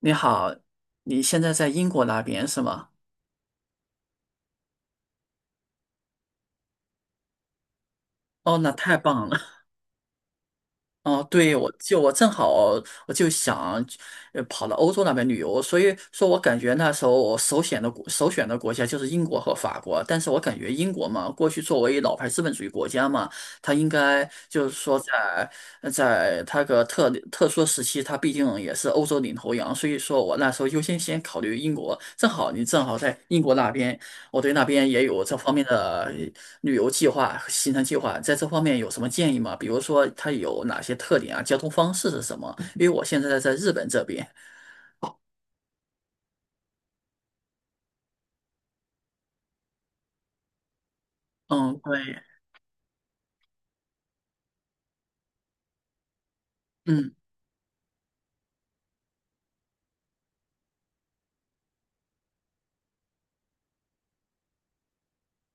你好，你现在在英国那边是吗？哦，那太棒了。哦，对，我正好我就想，跑到欧洲那边旅游，所以说我感觉那时候我首选的国家就是英国和法国，但是我感觉英国嘛，过去作为老牌资本主义国家嘛，它应该就是说在它个特殊时期，它毕竟也是欧洲领头羊，所以说我那时候优先考虑英国，你正好在英国那边。我对那边也有这方面的旅游计划、行程计划，在这方面有什么建议吗？比如说它有哪些特点啊？交通方式是什么？因为我现在在日本这边，嗯，对，嗯，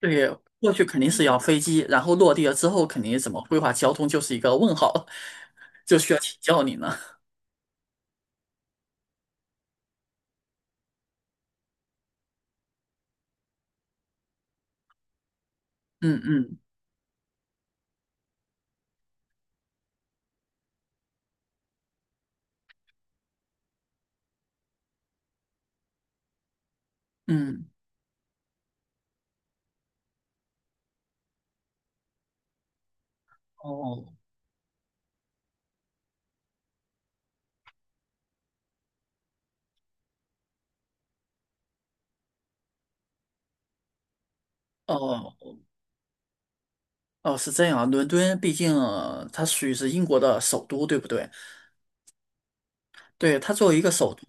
对，过去肯定是要飞机，然后落地了之后，肯定怎么规划交通就是一个问号，就需要请教你呢。嗯嗯嗯，哦哦哦，是这样啊，伦敦毕竟它属于是英国的首都，对不对？对，它作为一个首都，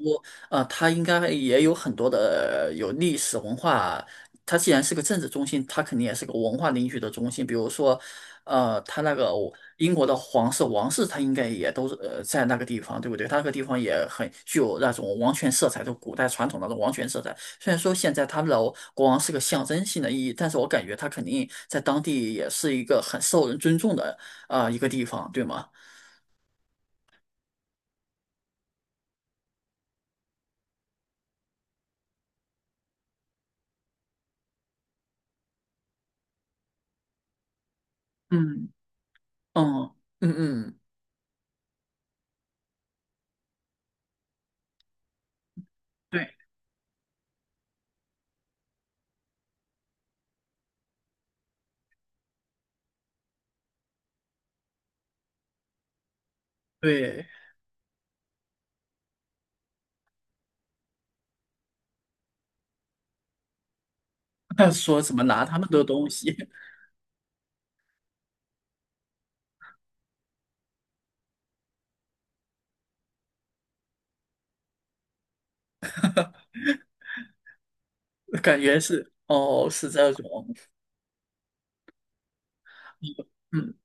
它应该也有很多的有历史文化。它既然是个政治中心，它肯定也是个文化领域的中心。比如说，它那个英国的皇室、王室，它应该也都是在那个地方，对不对？它那个地方也很具有那种王权色彩，就古代传统那种王权色彩。虽然说现在他们的国王是个象征性的意义，但是我感觉他肯定在当地也是一个很受人尊重的啊、一个地方，对吗？嗯，嗯嗯嗯。对。对，说什么拿他们的东西，感觉是哦，是这种，嗯，嗯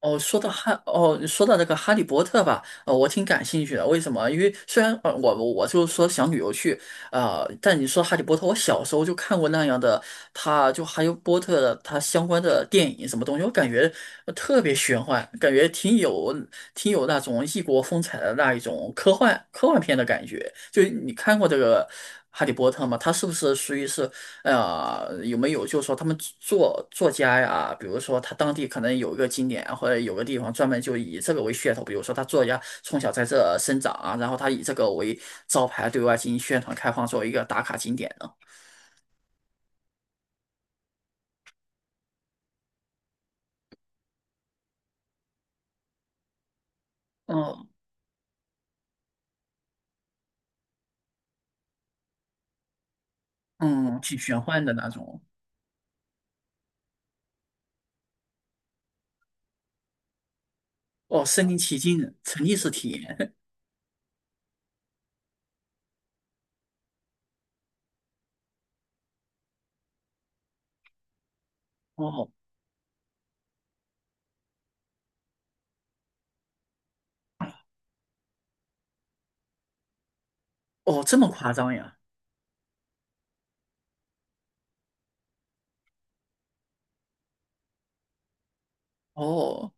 哦，说到那个《哈利波特》吧，我挺感兴趣的。为什么？因为虽然我就是说想旅游去，啊、但你说《哈利波特》，我小时候就看过那样的，他就《哈利波特》的他相关的电影什么东西，我感觉特别玄幻，感觉挺有那种异国风采的那一种科幻片的感觉。就你看过这个《哈利波特》吗？它是不是属于是有没有就是说他们作家呀，比如说他当地可能有一个景点或者有个地方专门就以这个为噱头，比如说他作家从小在这生长啊，然后他以这个为招牌对外进行宣传开放，作为一个打卡景点呢？嗯嗯，挺玄幻的那种哦，身临其境，沉浸式体验。哦哦，这么夸张呀？哦。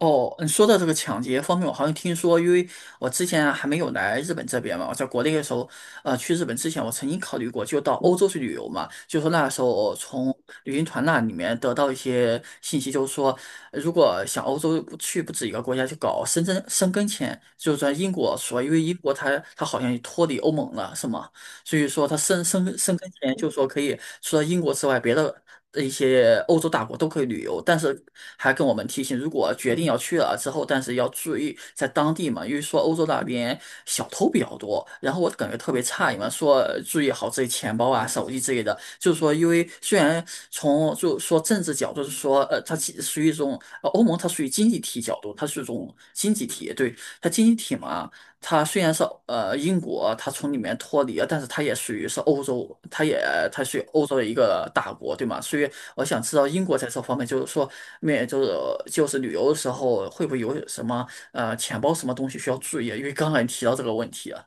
哦，嗯，说到这个抢劫方面，我好像听说，因为我之前啊还没有来日本这边嘛，我在国内的时候，去日本之前，我曾经考虑过，就到欧洲去旅游嘛。就说那时候我从旅行团那里面得到一些信息，就是说，如果想欧洲不去不止一个国家，去搞申根签，就是在英国说，因为英国它好像也脱离欧盟了，是吗？所以说它申根签，就是说可以除了英国之外，别的。一些欧洲大国都可以旅游，但是还跟我们提醒，如果决定要去了之后，但是要注意在当地嘛，因为说欧洲那边小偷比较多，然后我感觉特别诧异嘛，说注意好自己钱包啊、手机之类的，就是说，因为虽然从就说政治角度是说，它其实属于一种欧盟，它属于经济体角度，它是一种经济体，对，它经济体嘛。它虽然是英国，它从里面脱离了，但是它也属于是欧洲，它属于欧洲的一个大国，对吗？所以我想知道英国在这方面，就是说面就是就是旅游的时候会不会有什么钱包什么东西需要注意？因为刚才你提到这个问题啊。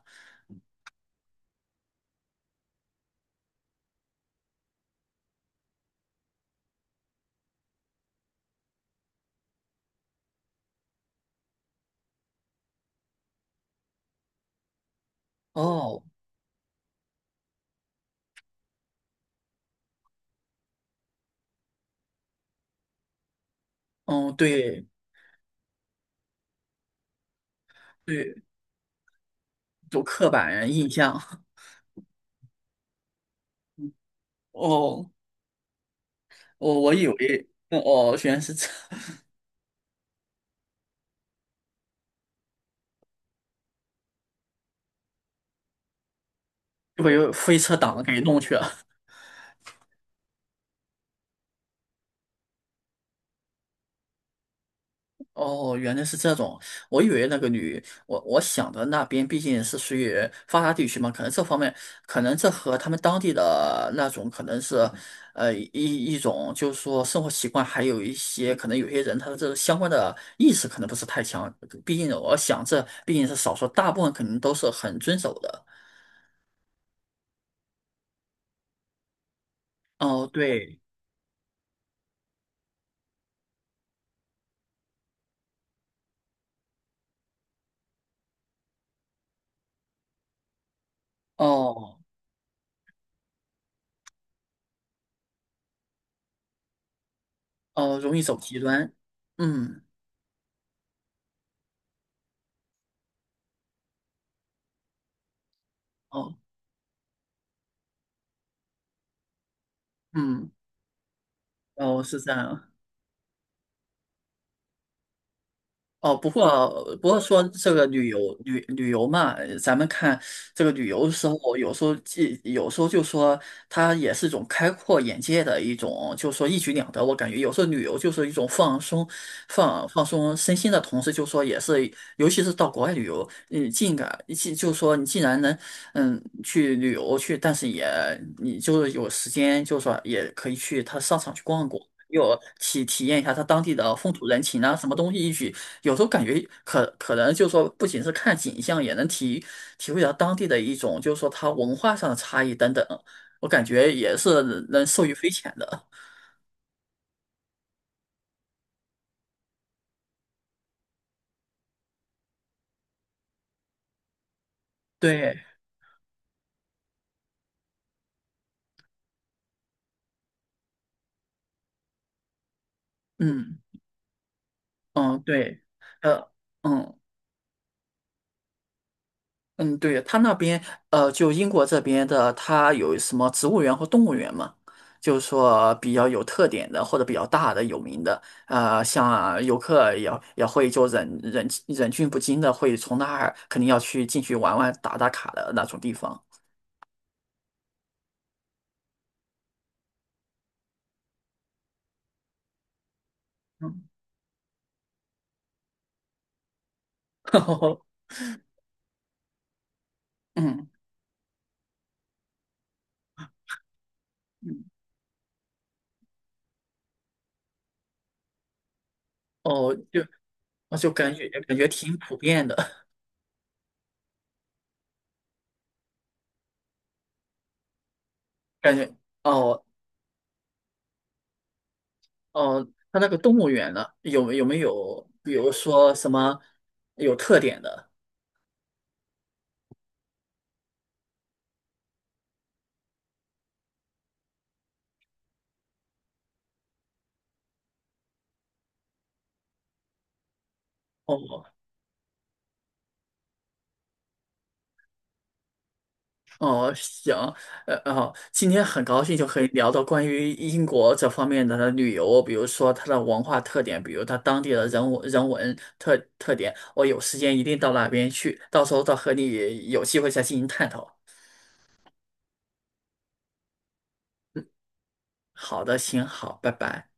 哦，嗯，对对，有刻板印象。哦，我以为哦，原来是这，会有飞车党给弄去了。哦，原来是这种，我以为那个女，我想的那边毕竟是属于发达地区嘛，可能这方面，可能这和他们当地的那种可能是，一种就是说生活习惯，还有一些可能有些人他的这个相关的意识可能不是太强，毕竟我想这毕竟是少数，大部分肯定都是很遵守的。哦，对，哦哦，容易走极端，嗯，哦，嗯，哦，是这样。哦，不过说这个旅游旅游嘛，咱们看这个旅游的时候，有时候就说它也是一种开阔眼界的一种，就说一举两得。我感觉有时候旅游就是一种放松、放松身心的同时，就说也是，尤其是到国外旅游，嗯，尽感既就说你既然能嗯去旅游去，但是也你就是有时间，就说也可以去它商场去逛逛。又体验一下它当地的风土人情啊，什么东西一举有时候感觉可能就是说，不仅是看景象，也能体会到当地的一种，就是说它文化上的差异等等。我感觉也是能受益匪浅的。对，嗯嗯，对，呃，嗯。嗯，对，他那边，就英国这边的，它有什么植物园或动物园嘛？就是说比较有特点的或者比较大的、有名的，像游客也会就忍俊不禁的会从那儿肯定要去进去玩玩、打打卡的那种地方。嗯，嗯，嗯，哦，就我就感觉挺普遍的，感觉哦哦，它那个动物园呢，有没有，比如说什么有特点的？哦哦，行，哦，今天很高兴就可以聊到关于英国这方面的旅游，比如说它的文化特点，比如它当地的人文特点。我有时间一定到那边去，到时候再和你有机会再进行探讨。好的，行，好，拜拜。